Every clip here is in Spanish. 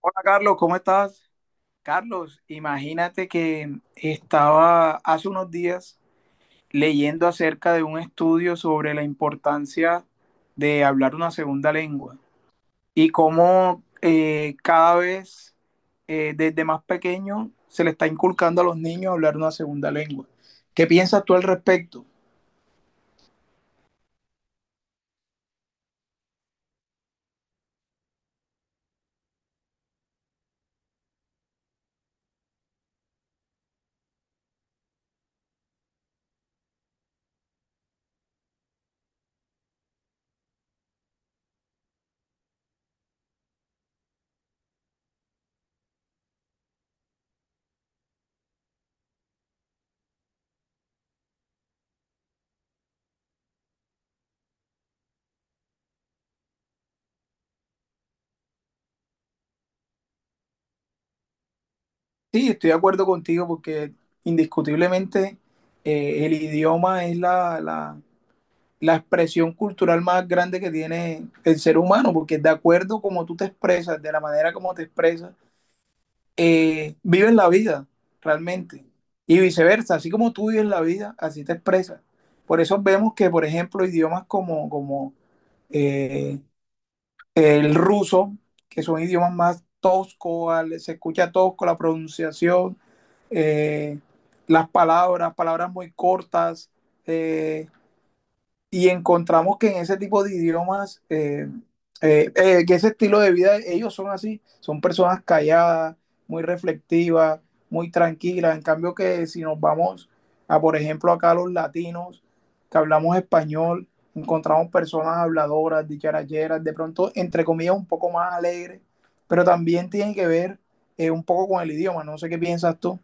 Hola Carlos, ¿cómo estás? Carlos, imagínate que estaba hace unos días leyendo acerca de un estudio sobre la importancia de hablar una segunda lengua y cómo cada vez desde más pequeño se le está inculcando a los niños hablar una segunda lengua. ¿Qué piensas tú al respecto? Sí, estoy de acuerdo contigo porque indiscutiblemente, el idioma es la expresión cultural más grande que tiene el ser humano, porque de acuerdo como tú te expresas, de la manera como te expresas, vives la vida realmente. Y viceversa, así como tú vives la vida, así te expresas. Por eso vemos que, por ejemplo, idiomas como, como eh, el ruso, que son idiomas más toscos, se escucha tosco la pronunciación, eh, las palabras, palabras muy cortas, eh, y encontramos que en ese tipo de idiomas, que ese estilo de vida, ellos son así, son personas calladas, muy reflexivas, muy tranquilas. En cambio que si nos vamos a, por ejemplo, acá los latinos, que hablamos español, encontramos personas habladoras, dicharacheras, de pronto, entre comillas, un poco más alegres, pero también tiene que ver, un poco con el idioma. No sé qué piensas tú.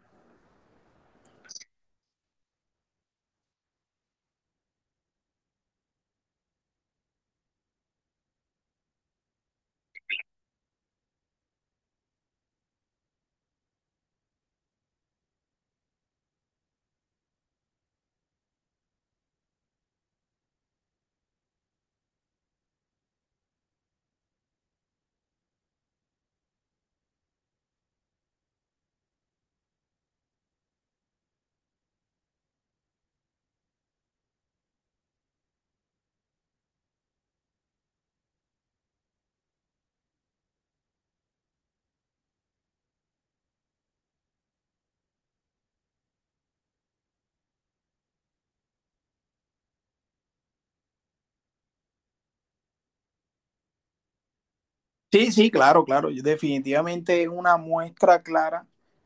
Sí, sí, claro, claro. Yo definitivamente es una muestra clara,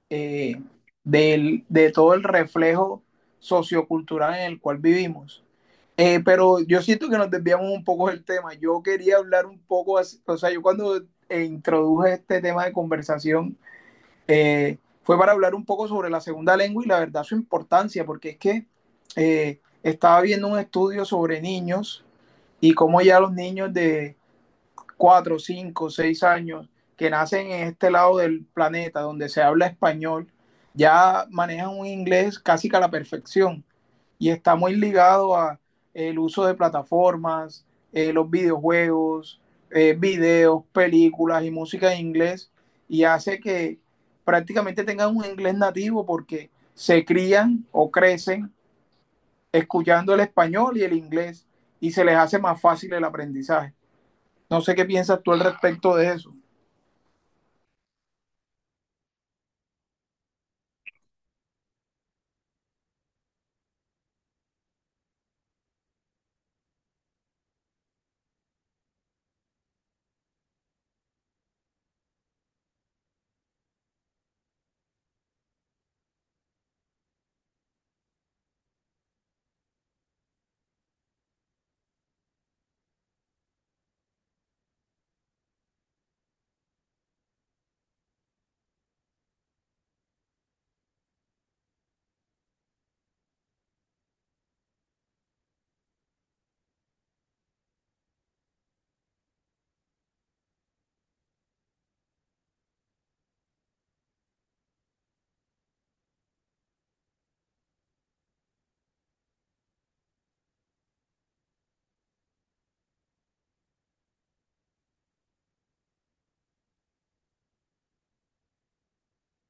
eh, de todo el reflejo sociocultural en el cual vivimos. Pero yo siento que nos desviamos un poco del tema. Yo quería hablar un poco, o sea, yo cuando introduje este tema de conversación fue para hablar un poco sobre la segunda lengua y la verdad su importancia, porque es que estaba viendo un estudio sobre niños y cómo ya los niños de cuatro, cinco, seis años, que nacen en este lado del planeta donde se habla español, ya manejan un inglés casi que a la perfección y está muy ligado a el uso de plataformas, los videojuegos, videos, películas y música en inglés y hace que prácticamente tengan un inglés nativo porque se crían o crecen escuchando el español y el inglés y se les hace más fácil el aprendizaje. No sé qué piensas tú al respecto de eso.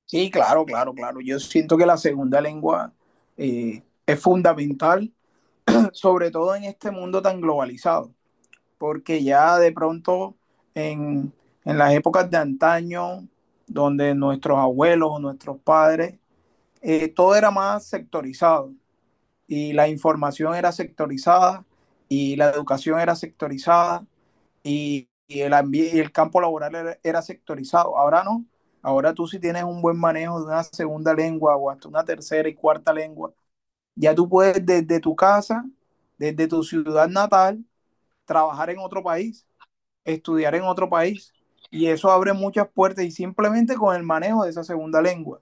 Sí, claro, claro, claro. Yo siento que la segunda lengua es fundamental, sobre todo en este mundo tan globalizado, porque ya de pronto en, en las épocas de antaño, donde nuestros abuelos o nuestros padres, todo era más sectorizado y la información era sectorizada y la educación era sectorizada y, y el campo laboral era, era sectorizado. Ahora no. Ahora tú si tienes un buen manejo de una segunda lengua o hasta una tercera y cuarta lengua, ya tú puedes desde tu casa, desde tu ciudad natal, trabajar en otro país, estudiar en otro país. Y eso abre muchas puertas y simplemente con el manejo de esa segunda lengua.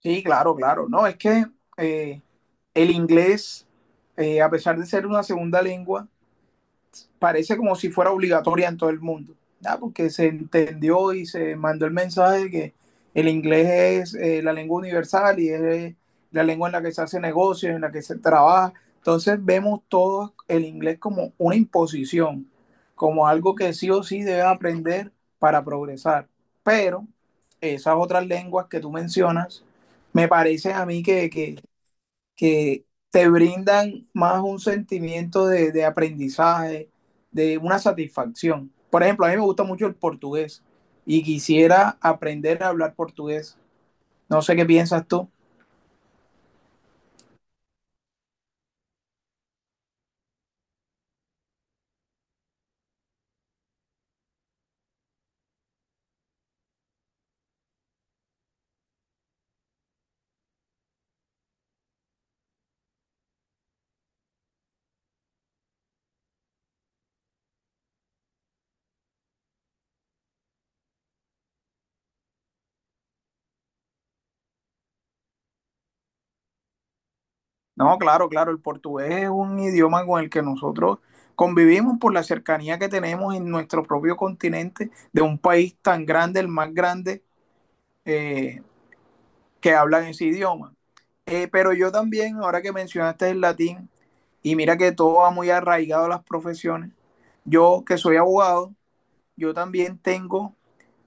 Sí, claro, claro. No, es que eh, el inglés, a pesar de ser una segunda lengua, parece como si fuera obligatoria en todo el mundo, ¿verdad? Porque se entendió y se mandó el mensaje de que el inglés es, la lengua universal y es, la lengua en la que se hace negocios, en la que se trabaja. Entonces vemos todo el inglés como una imposición, como algo que sí o sí debes aprender para progresar. Pero esas otras lenguas que tú mencionas, me parece a mí que, que te brindan más un sentimiento de aprendizaje, de una satisfacción. Por ejemplo, a mí me gusta mucho el portugués y quisiera aprender a hablar portugués. No sé qué piensas tú. No, claro, claro, el portugués es un idioma con el que nosotros convivimos por la cercanía que tenemos en nuestro propio continente de un país tan grande, el más grande, eh, que hablan ese idioma. Pero yo también, ahora que mencionaste el latín, y mira que todo va muy arraigado a las profesiones, yo que soy abogado, yo también tengo,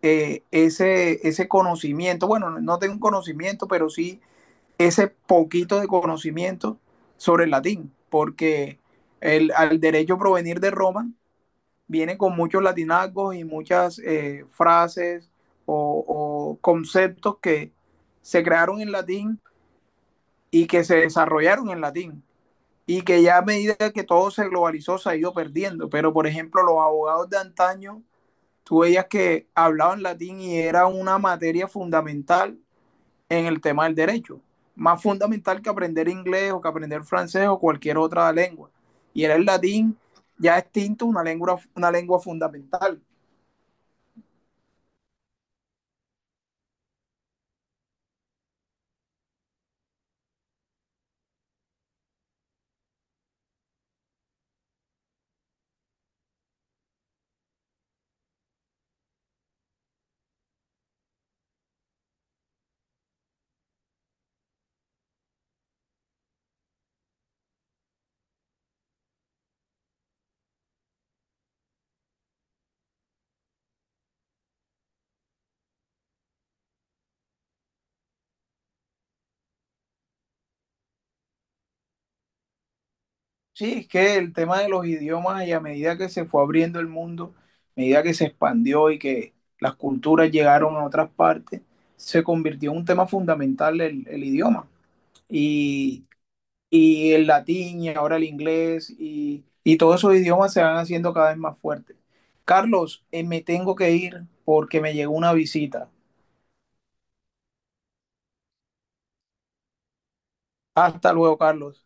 ese conocimiento, bueno, no tengo conocimiento, pero sí ese poquito de conocimiento sobre el latín, porque al derecho provenir de Roma viene con muchos latinazgos y muchas frases o conceptos que se crearon en latín y que se desarrollaron en latín y que ya a medida que todo se globalizó se ha ido perdiendo. Pero, por ejemplo, los abogados de antaño, tú veías que hablaban latín y era una materia fundamental en el tema del derecho, más fundamental que aprender inglés o que aprender francés o cualquier otra lengua. Y era el latín ya extinto, una lengua fundamental. Sí, es que el tema de los idiomas y a medida que se fue abriendo el mundo, a medida que se expandió y que las culturas llegaron a otras partes, se convirtió en un tema fundamental el idioma. Y, y el latín y ahora el inglés y todos esos idiomas se van haciendo cada vez más fuertes. Carlos, me tengo que ir porque me llegó una visita. Hasta luego, Carlos.